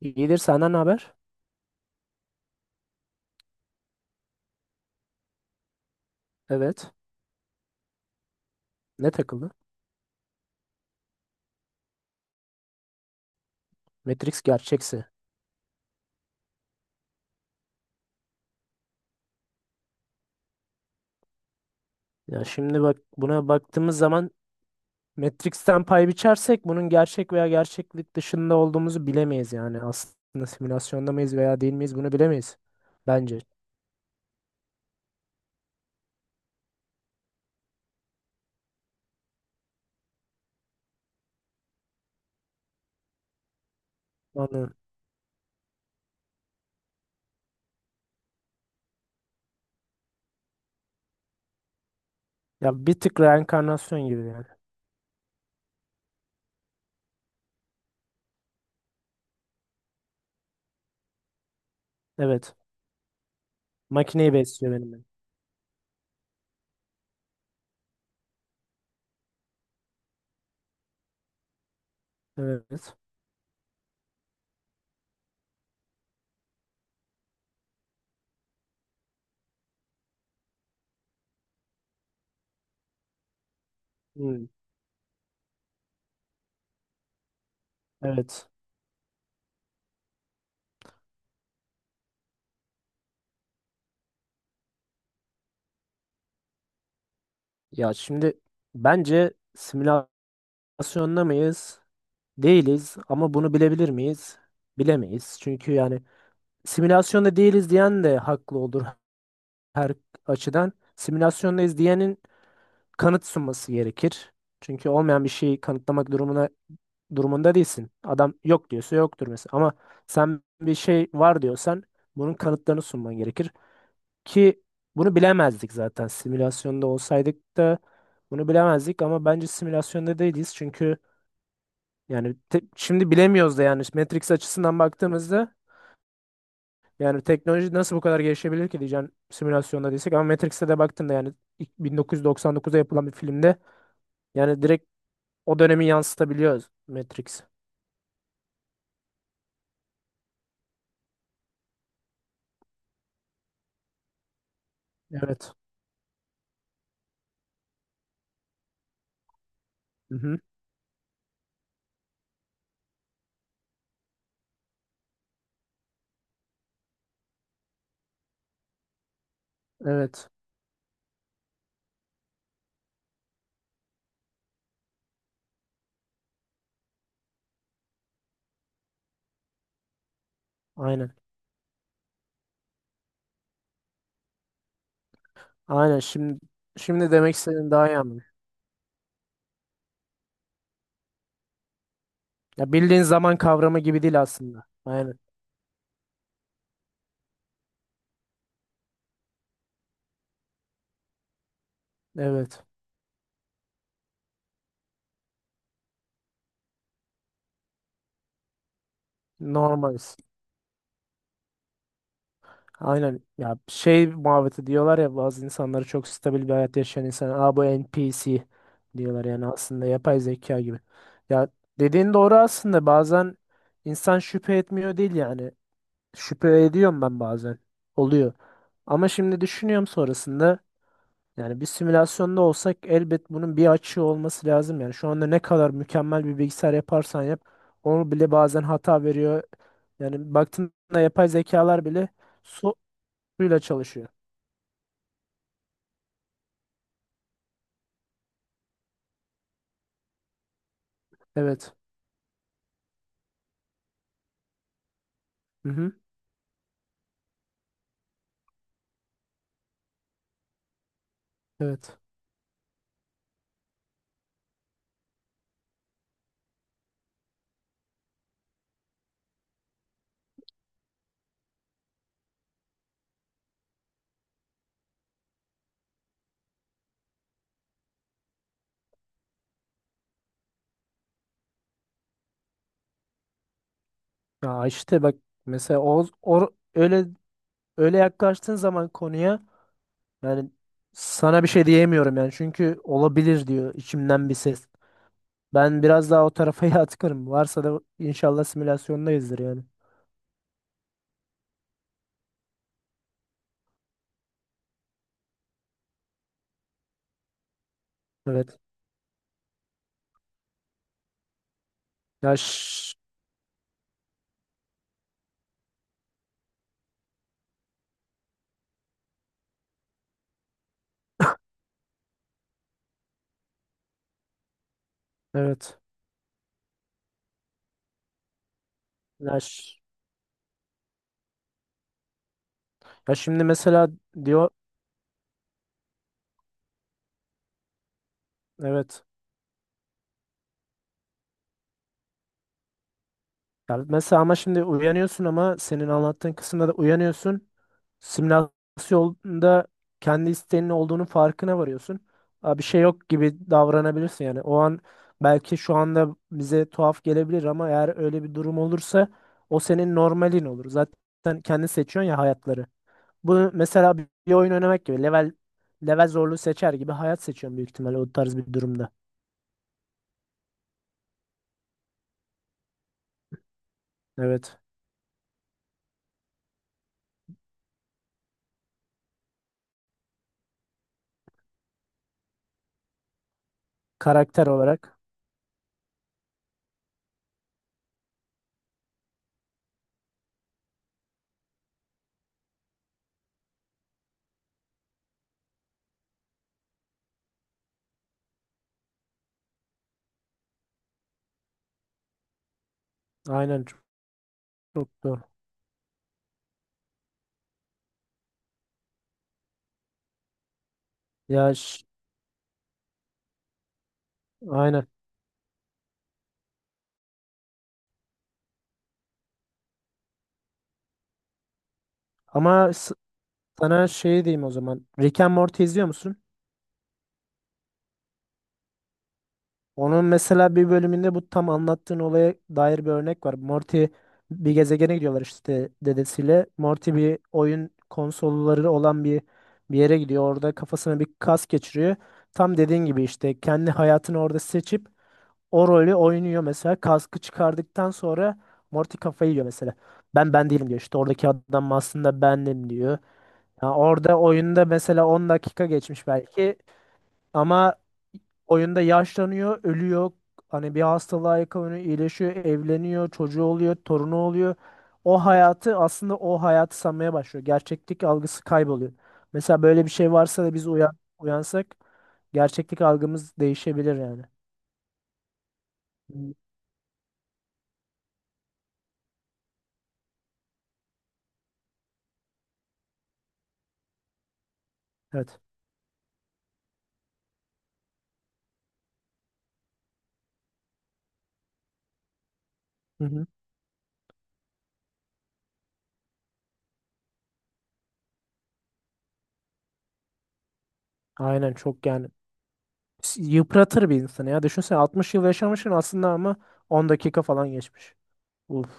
İyidir, senden ne haber? Evet. Ne takıldı? Matrix gerçekse. Ya şimdi bak, buna baktığımız zaman Matrix'ten pay biçersek bunun gerçek veya gerçeklik dışında olduğumuzu bilemeyiz yani. Aslında simülasyonda mıyız veya değil miyiz bunu bilemeyiz. Bence. Anladım. Ya bir tık reenkarnasyon gibi yani. Evet. Makineyi besliyor benim. Evet. Hmm. Evet. Ya şimdi bence simülasyonda mıyız? Değiliz ama bunu bilebilir miyiz? Bilemeyiz. Çünkü yani simülasyonda değiliz diyen de haklı olur her açıdan. Simülasyondayız diyenin kanıt sunması gerekir. Çünkü olmayan bir şeyi kanıtlamak durumuna durumunda değilsin. Adam yok diyorsa yoktur mesela. Ama sen bir şey var diyorsan bunun kanıtlarını sunman gerekir. Ki bunu bilemezdik zaten. Simülasyonda olsaydık da bunu bilemezdik ama bence simülasyonda değiliz. Çünkü yani şimdi bilemiyoruz da yani Matrix açısından baktığımızda yani teknoloji nasıl bu kadar gelişebilir ki, diyeceğim simülasyonda değilsek, ama Matrix'te de baktığında yani ilk 1999'da yapılan bir filmde yani direkt o dönemi yansıtabiliyoruz Matrix. Evet. Hı-hı. Evet. Aynen. Aynen. Şimdi demek istediğim daha iyi anladım. Ya bildiğin zaman kavramı gibi değil aslında. Aynen. Evet. Normaliz. Aynen, ya şey muhabbeti diyorlar ya, bazı insanları çok stabil bir hayat yaşayan insan, aa bu NPC diyorlar yani, aslında yapay zeka gibi. Ya dediğin doğru aslında, bazen insan şüphe etmiyor değil yani, şüphe ediyorum ben bazen oluyor. Ama şimdi düşünüyorum sonrasında, yani bir simülasyonda olsak elbet bunun bir açığı olması lazım yani. Şu anda ne kadar mükemmel bir bilgisayar yaparsan yap onu bile bazen hata veriyor. Yani baktığında yapay zekalar bile so- suyla çalışıyor. Evet. Hı hı. Evet. Ya işte bak mesela o öyle, öyle yaklaştığın zaman konuya yani, sana bir şey diyemiyorum yani, çünkü olabilir diyor içimden bir ses. Ben biraz daha o tarafa yatkınım. Varsa da inşallah simülasyondayızdır yani. Evet. Ya ş- evet. Ya, ş- ya şimdi mesela diyor evet. Ya mesela, ama şimdi uyanıyorsun ama senin anlattığın kısımda da uyanıyorsun. Simülasyonda kendi isteğinin olduğunun farkına varıyorsun. Aa, bir şey yok gibi davranabilirsin yani. O an belki şu anda bize tuhaf gelebilir ama eğer öyle bir durum olursa o senin normalin olur. Zaten kendi seçiyorsun ya hayatları. Bu mesela bir oyun oynamak gibi, level zorluğu seçer gibi hayat seçiyorsun büyük ihtimalle, o tarz bir durumda. Evet. Karakter olarak. Aynen, çok doğru. Ya ş- aynen. Ama s- sana şey diyeyim o zaman. Rick and Morty izliyor musun? Onun mesela bir bölümünde bu tam anlattığın olaya dair bir örnek var. Morty bir gezegene gidiyorlar işte dedesiyle. Morty bir oyun konsolları olan bir yere gidiyor. Orada kafasına bir kas geçiriyor. Tam dediğin gibi işte kendi hayatını orada seçip o rolü oynuyor mesela. Kaskı çıkardıktan sonra Morty kafayı yiyor mesela. Ben değilim diyor. İşte oradaki adam aslında bendim diyor. Ya orada oyunda mesela 10 dakika geçmiş belki ama oyunda yaşlanıyor, ölüyor. Hani bir hastalığa yakalanıyor, iyileşiyor, evleniyor, çocuğu oluyor, torunu oluyor. O hayatı aslında, o hayatı sanmaya başlıyor. Gerçeklik algısı kayboluyor. Mesela böyle bir şey varsa da biz uyansak gerçeklik algımız değişebilir yani. Hmm. Evet. Hı hı. Aynen, çok yani. Yıpratır bir insanı ya. Düşünsene 60 yıl yaşamışsın aslında ama 10 dakika falan geçmiş. Uf.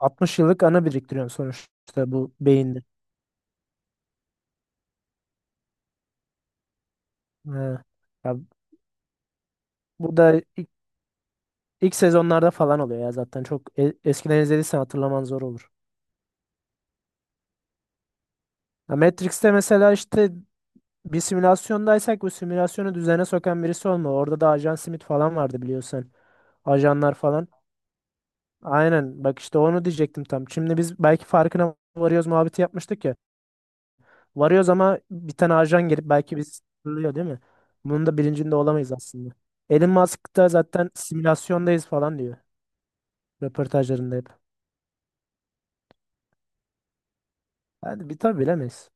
60 yıllık ana biriktiriyorsun sonuçta, bu beyinde. Ha. Ya bu da ilk sezonlarda falan oluyor ya zaten, çok eskiden izlediysen hatırlaman zor olur. Ya Matrix'te mesela işte bir simülasyondaysak bu simülasyonu düzene sokan birisi olma. Orada da Ajan Smith falan vardı biliyorsun. Ajanlar falan. Aynen, bak işte onu diyecektim tam. Şimdi biz belki farkına varıyoruz muhabbeti yapmıştık ya. Varıyoruz ama bir tane ajan gelip belki bizi sınırlıyor değil mi? Bunun da bilincinde olamayız aslında. Elon Musk da zaten simülasyondayız falan diyor. Röportajlarında hep. Yani bir tabi bilemeyiz.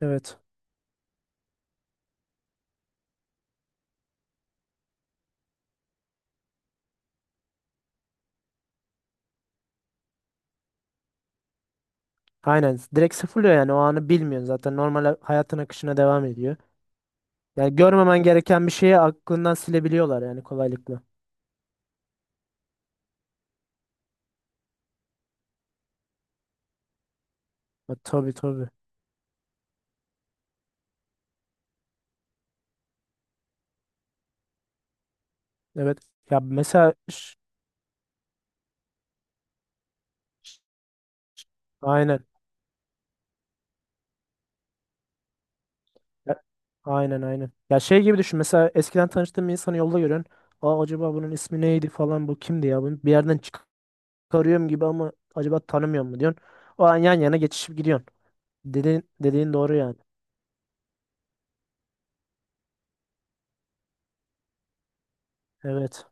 Evet. Aynen. Direkt sıfırlıyor yani, o anı bilmiyorsun zaten. Normal hayatın akışına devam ediyor. Yani görmemen gereken bir şeyi aklından silebiliyorlar yani, kolaylıkla. Ha, tabii tabii. Evet. Ya mesela ş- aynen. Aynen. Ya şey gibi düşün. Mesela eskiden tanıştığım bir insanı yolda görüyorsun. Aa, acaba bunun ismi neydi falan, bu kimdi ya? Bunu bir yerden çıkarıyorum gibi ama acaba tanımıyor mu diyorsun. O an yan yana geçişip gidiyorsun. Dediğin doğru yani. Evet.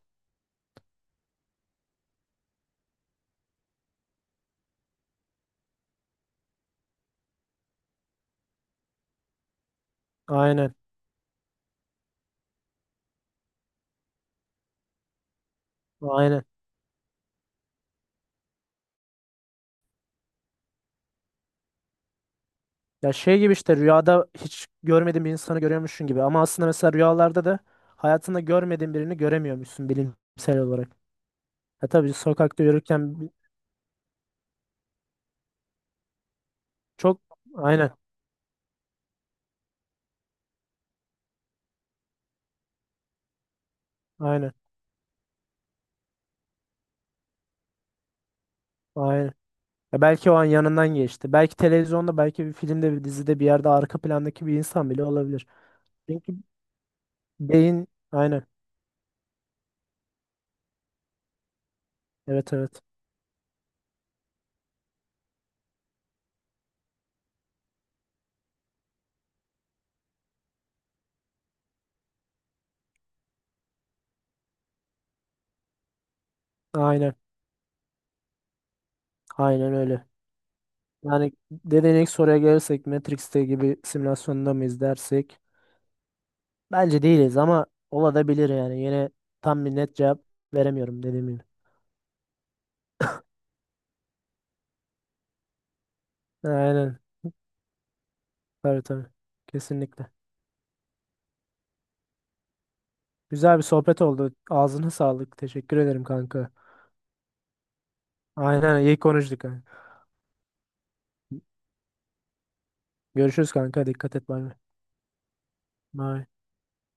Aynen. Aynen. Ya şey gibi işte rüyada hiç görmediğin bir insanı görüyormuşsun gibi. Ama aslında mesela rüyalarda da hayatında görmediğin birini göremiyormuşsun, bilimsel olarak. Ya tabii sokakta yürürken çok aynen. Aynen. Aynen. Ya belki o an yanından geçti. Belki televizyonda, belki bir filmde, bir dizide, bir yerde arka plandaki bir insan bile olabilir. Çünkü beyin aynen. Evet. Aynen. Aynen öyle. Yani dediğin ilk soruya gelirsek Matrix'te gibi simülasyonda mıyız dersek bence değiliz ama olabilir yani. Yine tam bir net cevap veremiyorum dediğim gibi. Aynen. Tabii tabii. Kesinlikle. Güzel bir sohbet oldu. Ağzına sağlık. Teşekkür ederim kanka. Aynen, iyi konuştuk kanka. Görüşürüz kanka. Dikkat et. Bay bay. Bay.